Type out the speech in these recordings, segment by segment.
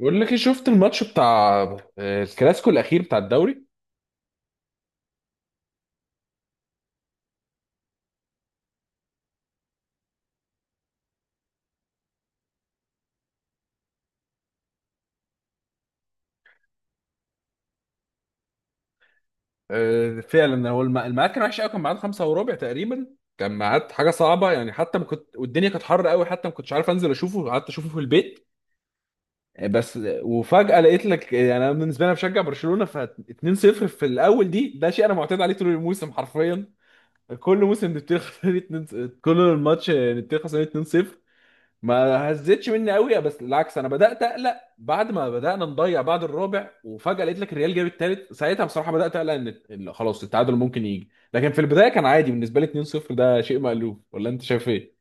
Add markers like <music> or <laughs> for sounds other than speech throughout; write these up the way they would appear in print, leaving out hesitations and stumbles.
بقول لك ايه، شفت الماتش بتاع الكلاسيكو الاخير بتاع الدوري؟ فعلا هو الميعاد كان وحش قوي، كان ميعاد 5:15 تقريبا. كان ميعاد حاجه صعبه يعني، حتى ما كنت والدنيا كانت حر قوي، حتى ما كنتش عارف انزل اشوفه، قعدت اشوفه في البيت. بس وفجاه لقيت لك يعني انا بالنسبه لي أنا بشجع برشلونه، ف 2-0 في الاول دي ده شيء انا معتاد عليه طول الموسم حرفيا. كل موسم نبتدي خسرانين 2 <laughs> كل الماتش نبتدي خسرانين. ما هزتش مني قوي، بس بالعكس انا بدات اقلق بعد ما بدانا نضيع، بعد الرابع وفجاه لقيت لك الريال جاب الثالث. ساعتها بصراحه بدات اقلق ان إن خلاص التعادل ممكن يجي، لكن في البدايه كان عادي بالنسبه لي 2-0، ده شيء مألوف. ولا انت شايف ايه؟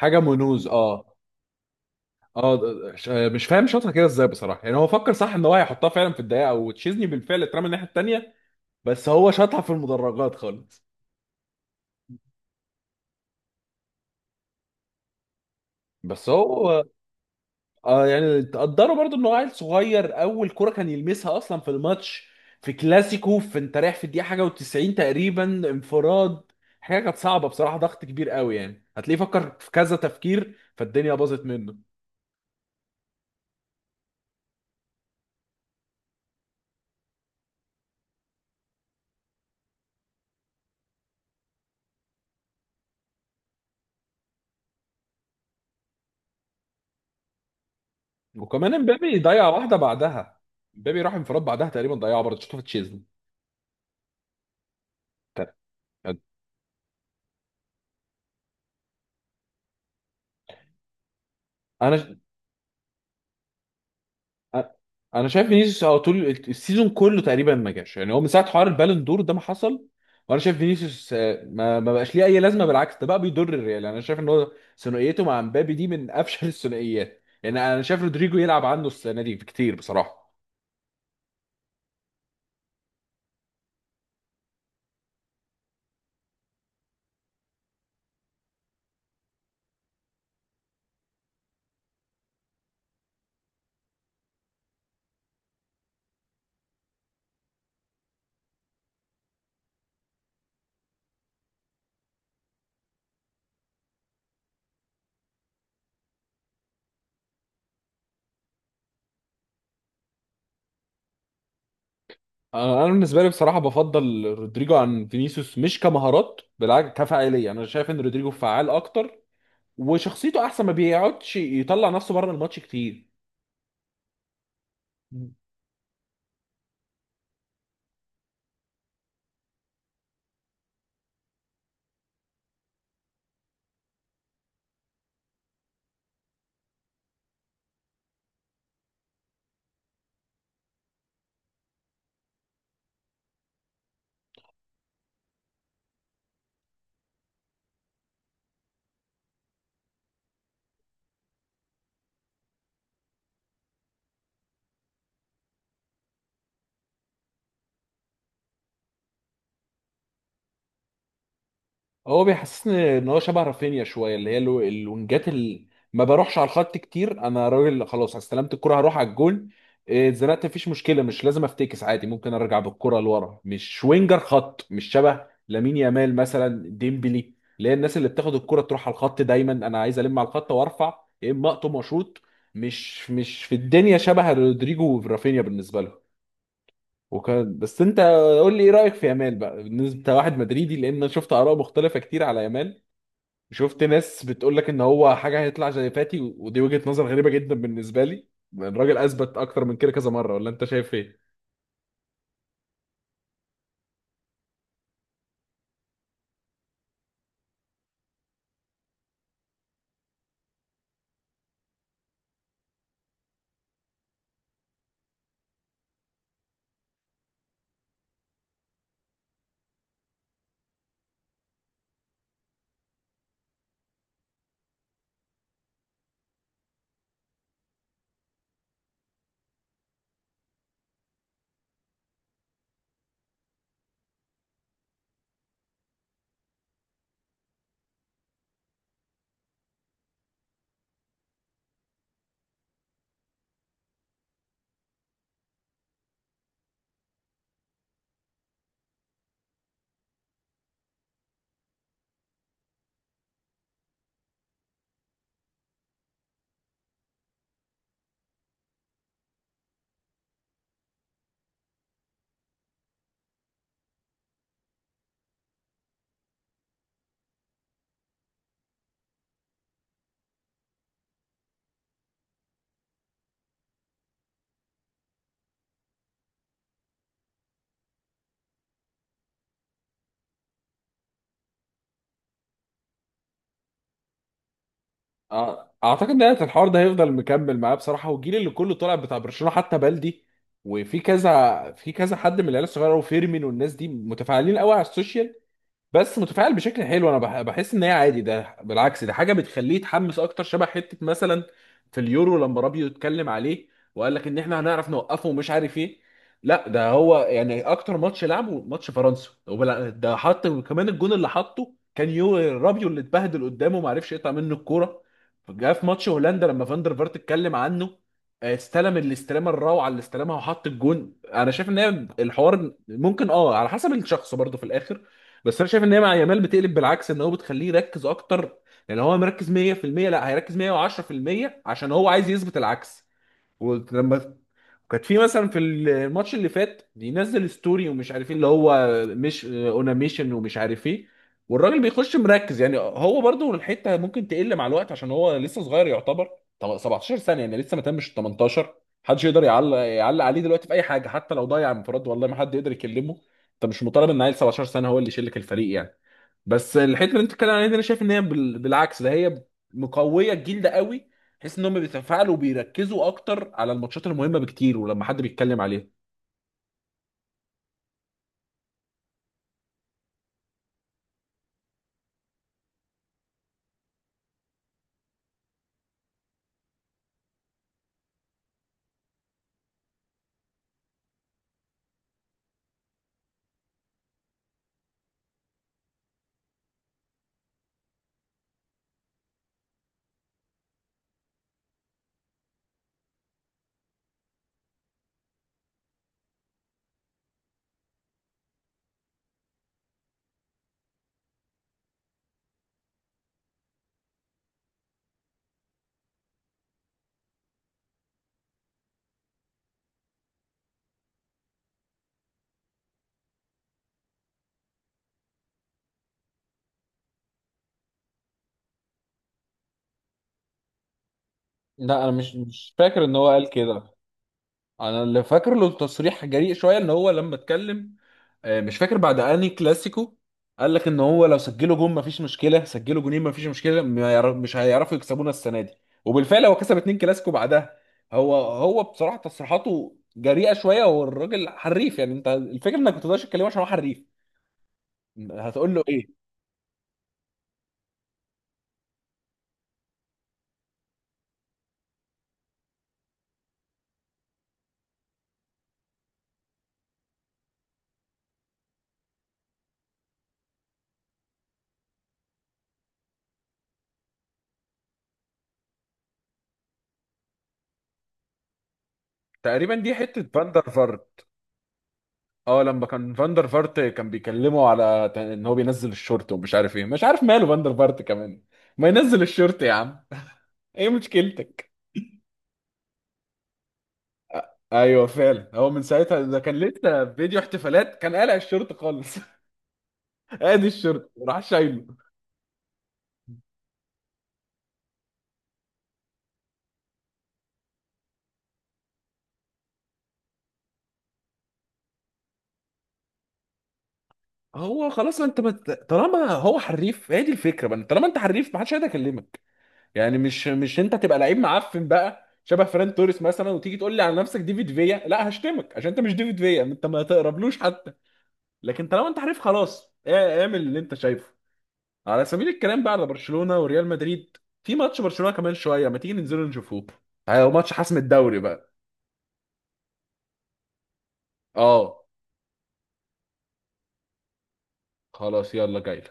حاجه منوز اه. اه مش فاهم شاطها كده ازاي بصراحه، يعني هو فكر صح ان هو هيحطها فعلا في الدقيقه وتشيزني بالفعل اترمى الناحيه الثانيه، بس هو شاطها في المدرجات خالص. بس هو اه يعني تقدروا برضو ان هو عيل صغير، اول كرة كان يلمسها اصلا في الماتش، في كلاسيكو، في انت رايح في الدقيقة حاجة و90 تقريبا، انفراد. حاجة كانت صعبة بصراحة، ضغط كبير قوي يعني هتلاقيه فكر في كذا تفكير فالدنيا باظت منه. وكمان امبابي ضيع واحدة بعدها، امبابي راح انفراد بعدها تقريبا ضيعها برضه شفته في تشيزني. انا أ- انا شايف فينيسيوس هو طول السيزون كله تقريبا ما جاش، يعني هو من ساعه حوار البالون دور ده ما حصل. وانا شايف فينيسيوس ما بقاش ليه اي لازمه، بالعكس ده بقى بيضر الريال يعني. انا شايف ان هو ثنائيته مع مبابي دي من افشل الثنائيات، يعني انا شايف رودريجو يلعب عنه السنه دي كتير بصراحه. انا بالنسبه لي بصراحه بفضل رودريجو عن فينيسيوس، مش كمهارات بالعكس كفاعليه، انا شايف ان رودريجو فعال اكتر، وشخصيته احسن، ما بيقعدش يطلع نفسه بره الماتش كتير. هو بيحسسني ان هو شبه رافينيا شويه، اللي هي الوينجات اللي ما بروحش على الخط كتير، انا راجل خلاص استلمت الكره هروح على الجون. إيه، اتزنقت مفيش مشكله، مش لازم افتكس عادي ممكن ارجع بالكره لورا، مش وينجر خط، مش شبه لامين يامال مثلا ديمبلي، اللي هي الناس اللي بتاخد الكره تروح على الخط دايما، انا عايز الم على الخط وارفع يا اما اقطم واشوط. مش في الدنيا شبه رودريجو ورافينيا بالنسبه لهم. وكان بس انت، قول لي ايه رايك في يامال بقى بالنسبه لواحد مدريدي؟ لان انا شفت اراء مختلفه كتير على يامال، شفت ناس بتقول لك ان هو حاجه هيطلع زي فاتي، ودي وجهه نظر غريبه جدا بالنسبه لي. الراجل اثبت اكتر من كده كذا مره، ولا انت شايف ايه؟ أع- اعتقد ان الحوار ده هيفضل مكمل معاه بصراحه، والجيل اللي كله طالع بتاع برشلونه حتى بلدي. وفي كذا في كذا حد من العيال الصغيره وفيرمين والناس دي متفاعلين قوي على السوشيال، بس متفاعل بشكل حلو. انا بحس ان هي عادي، ده بالعكس ده حاجه بتخليه يتحمس اكتر. شبه حته مثلا في اليورو لما رابيو اتكلم عليه وقال لك ان احنا هنعرف نوقفه ومش عارف ايه، لا ده هو يعني اكتر ماتش لعبه ماتش فرنسا، ده حط كمان الجون اللي حطه كان يو رابيو اللي اتبهدل قدامه ما عرفش يقطع منه الكوره. جه في ماتش هولندا لما فاندر فارت اتكلم عنه، استلم الاستلامه الروعه اللي استلمها وحط الجون. انا شايف ان هي الحوار ممكن اه على حسب الشخص برضه في الاخر، بس انا شايف ان هي مع يامال بتقلب بالعكس ان هو بتخليه يركز اكتر. لان هو مركز 100% لا هيركز 110%، عشان هو عايز يثبت العكس. ولما كانت في مثلا في الماتش اللي فات بينزل ستوري ومش عارف ايه، اللي هو مش اوناميشن ومش عارف ايه، والراجل بيخش مركز. يعني هو برضو الحته ممكن تقل مع الوقت عشان هو لسه صغير يعتبر. 17 سنه يعني لسه ما تمش 18، محدش يقدر يعلق عليه دلوقتي في اي حاجه، حتى لو ضيع انفراد والله ما حد يقدر يكلمه. انت مش مطالب ان عيل 17 سنه هو اللي يشيل لك الفريق يعني. بس الحته اللي انت بتتكلم عليها دي انا شايف ان هي بالعكس ده هي مقويه الجيل ده قوي. تحس ان هم بيتفاعلوا وبيركزوا اكتر على الماتشات المهمه بكتير ولما حد بيتكلم عليها. لا انا مش فاكر ان هو قال كده. انا اللي فاكر له تصريح جريء شويه ان هو لما اتكلم، مش فاكر بعد انهي كلاسيكو، قال لك ان هو لو سجلوا جون مفيش مشكله، سجلوا جونين مفيش مشكله، ما يعر- مش هيعرفوا يكسبونا السنه دي. وبالفعل هو كسب اتنين كلاسيكو بعدها. هو بصراحه تصريحاته جريئه شويه والراجل حريف، يعني انت الفكره انك ما تقدرش تتكلمه عشان هو حريف، هتقول له ايه؟ تقريبا دي حته فاندر. اه لما كان فاندر فارت كان بيكلمه على ان هو بينزل الشورت ومش عارف ايه، مش عارف ماله فاندر فارت كمان. ما ينزل الشورت يا عم <laughs> ايه مشكلتك؟ ايوه فعلا هو من ساعتها، ده كان لسه في فيديو احتفالات كان قالع الشورت خالص <laughs> ادي الشورت وراح شايله. هو خلاص انت ما ت- طالما هو حريف، هي دي الفكره بقى، طالما انت حريف ما حدش هيقدر يكلمك. يعني مش انت تبقى لعيب معفن بقى شبه فران توريس مثلا، وتيجي تقول لي على نفسك ديفيد فيا، لا هشتمك عشان انت مش ديفيد فيا، انت ما تقربلوش حتى. لكن طالما انت عارف خلاص اعمل اللي انت شايفه. على سبيل الكلام بقى على برشلونة وريال مدريد، في ماتش برشلونة كمان شوية ما تيجي ننزل نشوفوه؟ هو ماتش حسم الدوري بقى. اه. خلاص يلا جاي.